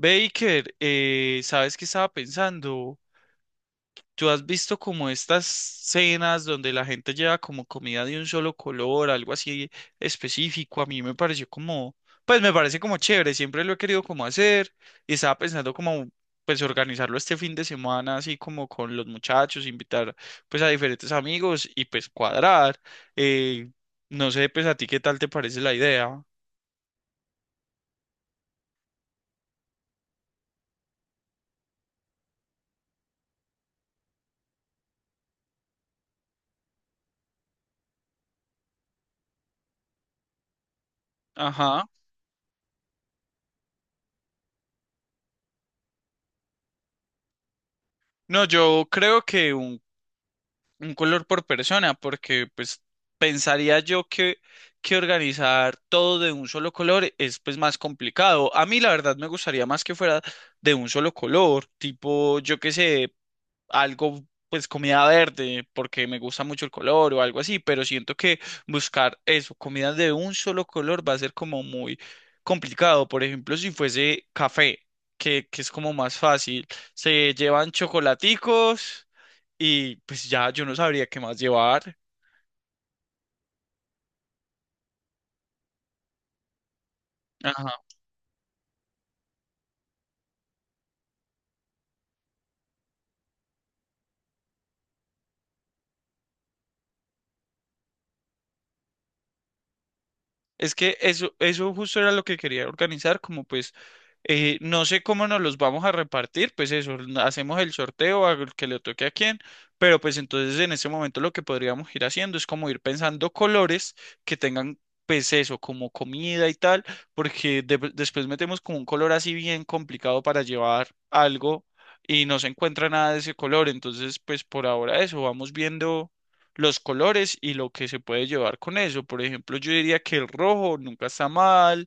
Baker, ¿sabes qué estaba pensando? ¿Tú has visto como estas cenas donde la gente lleva como comida de un solo color, algo así específico? A mí me pareció como, pues me parece como chévere, siempre lo he querido como hacer y estaba pensando como, pues organizarlo este fin de semana, así como con los muchachos, invitar pues a diferentes amigos y pues cuadrar. Eh, no sé, pues a ti qué tal te parece la idea. Ajá. No, yo creo que un color por persona, porque pues pensaría yo que organizar todo de un solo color es pues más complicado. A mí la verdad me gustaría más que fuera de un solo color, tipo yo qué sé, algo pues comida verde, porque me gusta mucho el color o algo así, pero siento que buscar eso, comida de un solo color va a ser como muy complicado. Por ejemplo, si fuese café, que es como más fácil, se llevan chocolaticos y pues ya yo no sabría qué más llevar. Ajá. Es que eso justo era lo que quería organizar, como pues no sé cómo nos los vamos a repartir, pues eso, hacemos el sorteo a el que le toque a quién, pero pues entonces en este momento lo que podríamos ir haciendo es como ir pensando colores que tengan pues eso, como comida y tal, porque después metemos como un color así bien complicado para llevar algo y no se encuentra nada de ese color, entonces pues por ahora eso, vamos viendo los colores y lo que se puede llevar con eso. Por ejemplo, yo diría que el rojo nunca está mal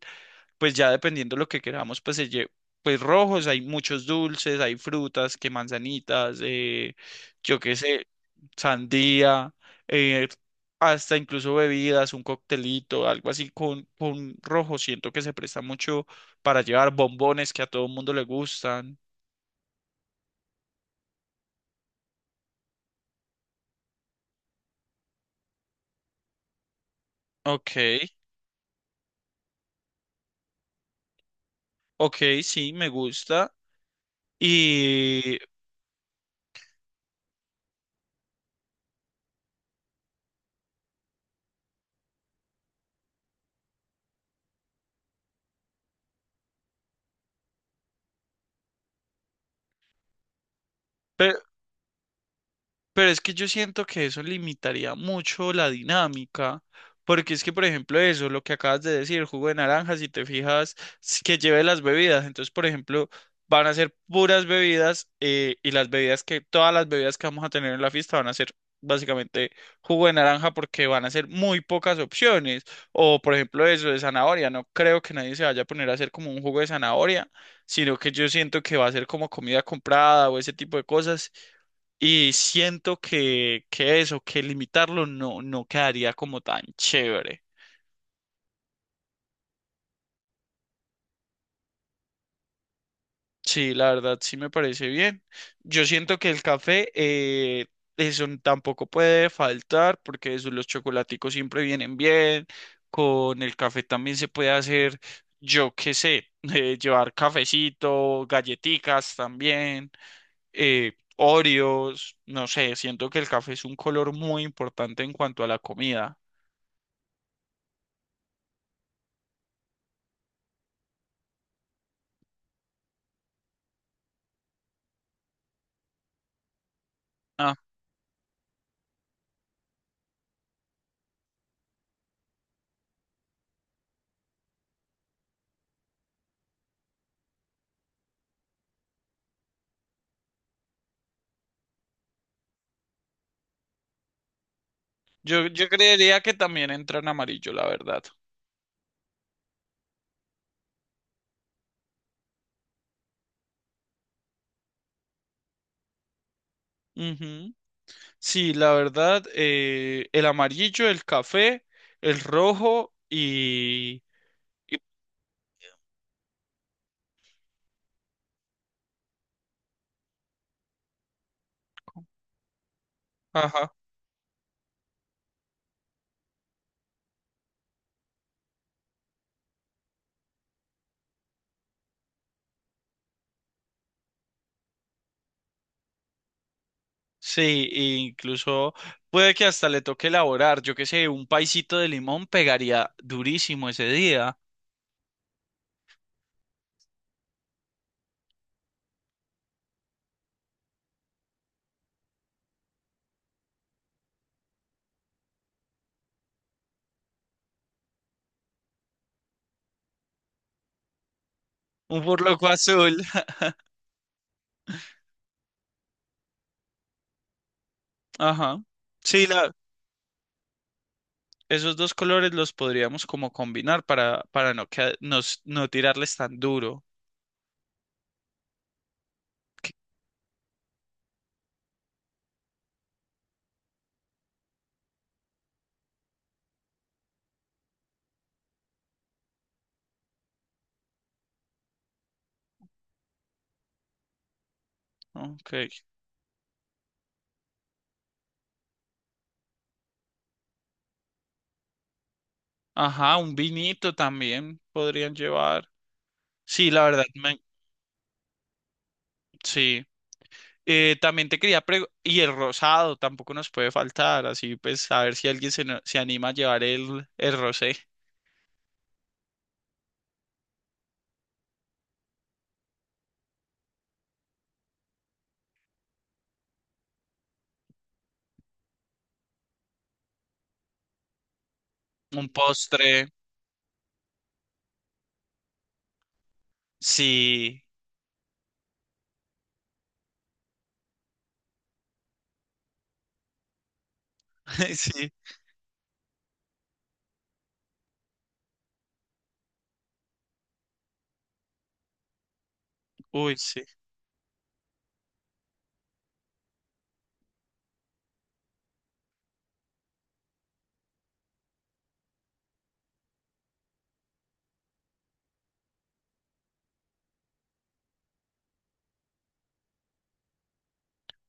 pues ya dependiendo de lo que queramos, pues pues rojos, hay muchos dulces, hay frutas, que manzanitas, yo qué sé, sandía, eh, hasta incluso bebidas, un coctelito, algo así con rojo. Siento que se presta mucho para llevar bombones que a todo el mundo le gustan. Ok, ok, sí, me gusta. Y, pe- pero es que yo siento que eso limitaría mucho la dinámica, porque es que, por ejemplo, eso, lo que acabas de decir, el jugo de naranja, si te fijas, es que lleve las bebidas. Entonces, por ejemplo, van a ser puras bebidas y las bebidas que, todas las bebidas que vamos a tener en la fiesta van a ser básicamente jugo de naranja porque van a ser muy pocas opciones. O, por ejemplo, eso de zanahoria. No creo que nadie se vaya a poner a hacer como un jugo de zanahoria, sino que yo siento que va a ser como comida comprada o ese tipo de cosas. Y siento que eso, que limitarlo no, no quedaría como tan chévere. Sí, la verdad sí me parece bien. Yo siento que el café, eso tampoco puede faltar porque eso, los chocolaticos siempre vienen bien. Con el café también se puede hacer, yo qué sé, llevar cafecito, galletitas también, Oreos, no sé, siento que el café es un color muy importante en cuanto a la comida. Yo creería que también entra en amarillo, la verdad. Ujú. Sí, la verdad, el amarillo, el café, el rojo y... y- ajá. Sí, e incluso puede que hasta le toque elaborar, yo qué sé, un paisito de limón pegaría durísimo ese día. Un burloco azul. Ajá. Sí, la, esos dos colores los podríamos como combinar para no, que, nos, no tirarles tan duro. ¿No? Ok. Ajá, un vinito también podrían llevar. Sí, la verdad, sí. También te quería preguntar, y el rosado tampoco nos puede faltar, así pues a ver si alguien se, se anima a llevar el rosé. Un postre, sí, sí, uy, sí.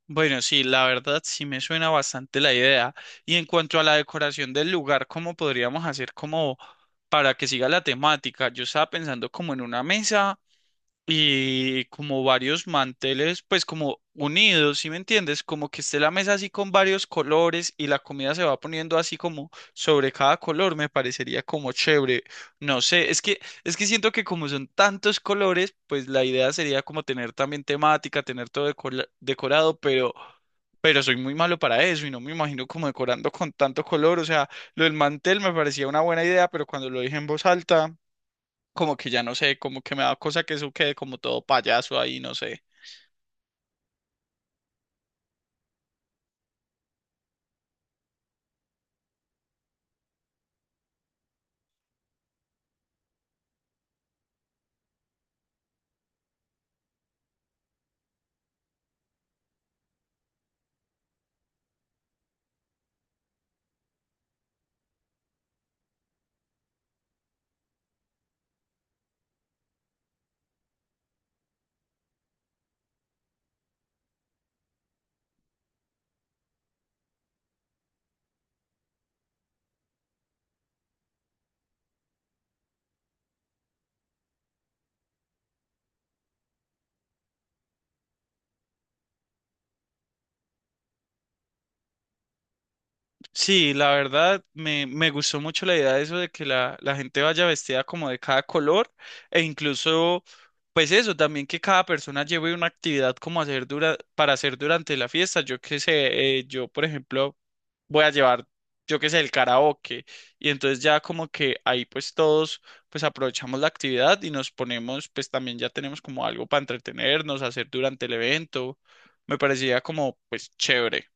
Bueno, sí, la verdad sí me suena bastante la idea. Y en cuanto a la decoración del lugar, ¿cómo podríamos hacer como para que siga la temática? Yo estaba pensando como en una mesa y como varios manteles, pues como unidos, ¿sí me entiendes? Como que esté la mesa así con varios colores y la comida se va poniendo así como sobre cada color, me parecería como chévere. No sé, es que siento que como son tantos colores, pues la idea sería como tener también temática, tener todo decorado, pero soy muy malo para eso y no me imagino como decorando con tanto color, o sea, lo del mantel me parecía una buena idea, pero cuando lo dije en voz alta como que ya no sé, como que me da cosa que eso quede como todo payaso ahí, no sé. Sí, la verdad me, me gustó mucho la idea de eso de que la gente vaya vestida como de cada color e incluso, pues eso, también que cada persona lleve una actividad como hacer dura, para hacer durante la fiesta. Yo qué sé, yo por ejemplo... voy a llevar, yo qué sé, el karaoke. Y entonces ya como que ahí pues todos pues aprovechamos la actividad y nos ponemos, pues también ya tenemos como algo para entretenernos, hacer durante el evento. Me parecía como pues chévere.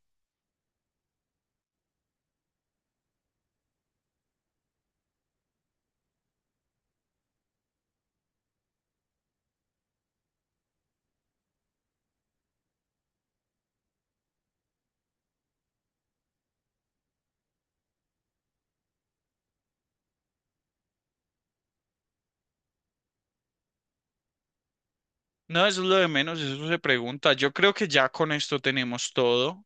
No, eso es lo de menos, eso se pregunta. Yo creo que ya con esto tenemos todo.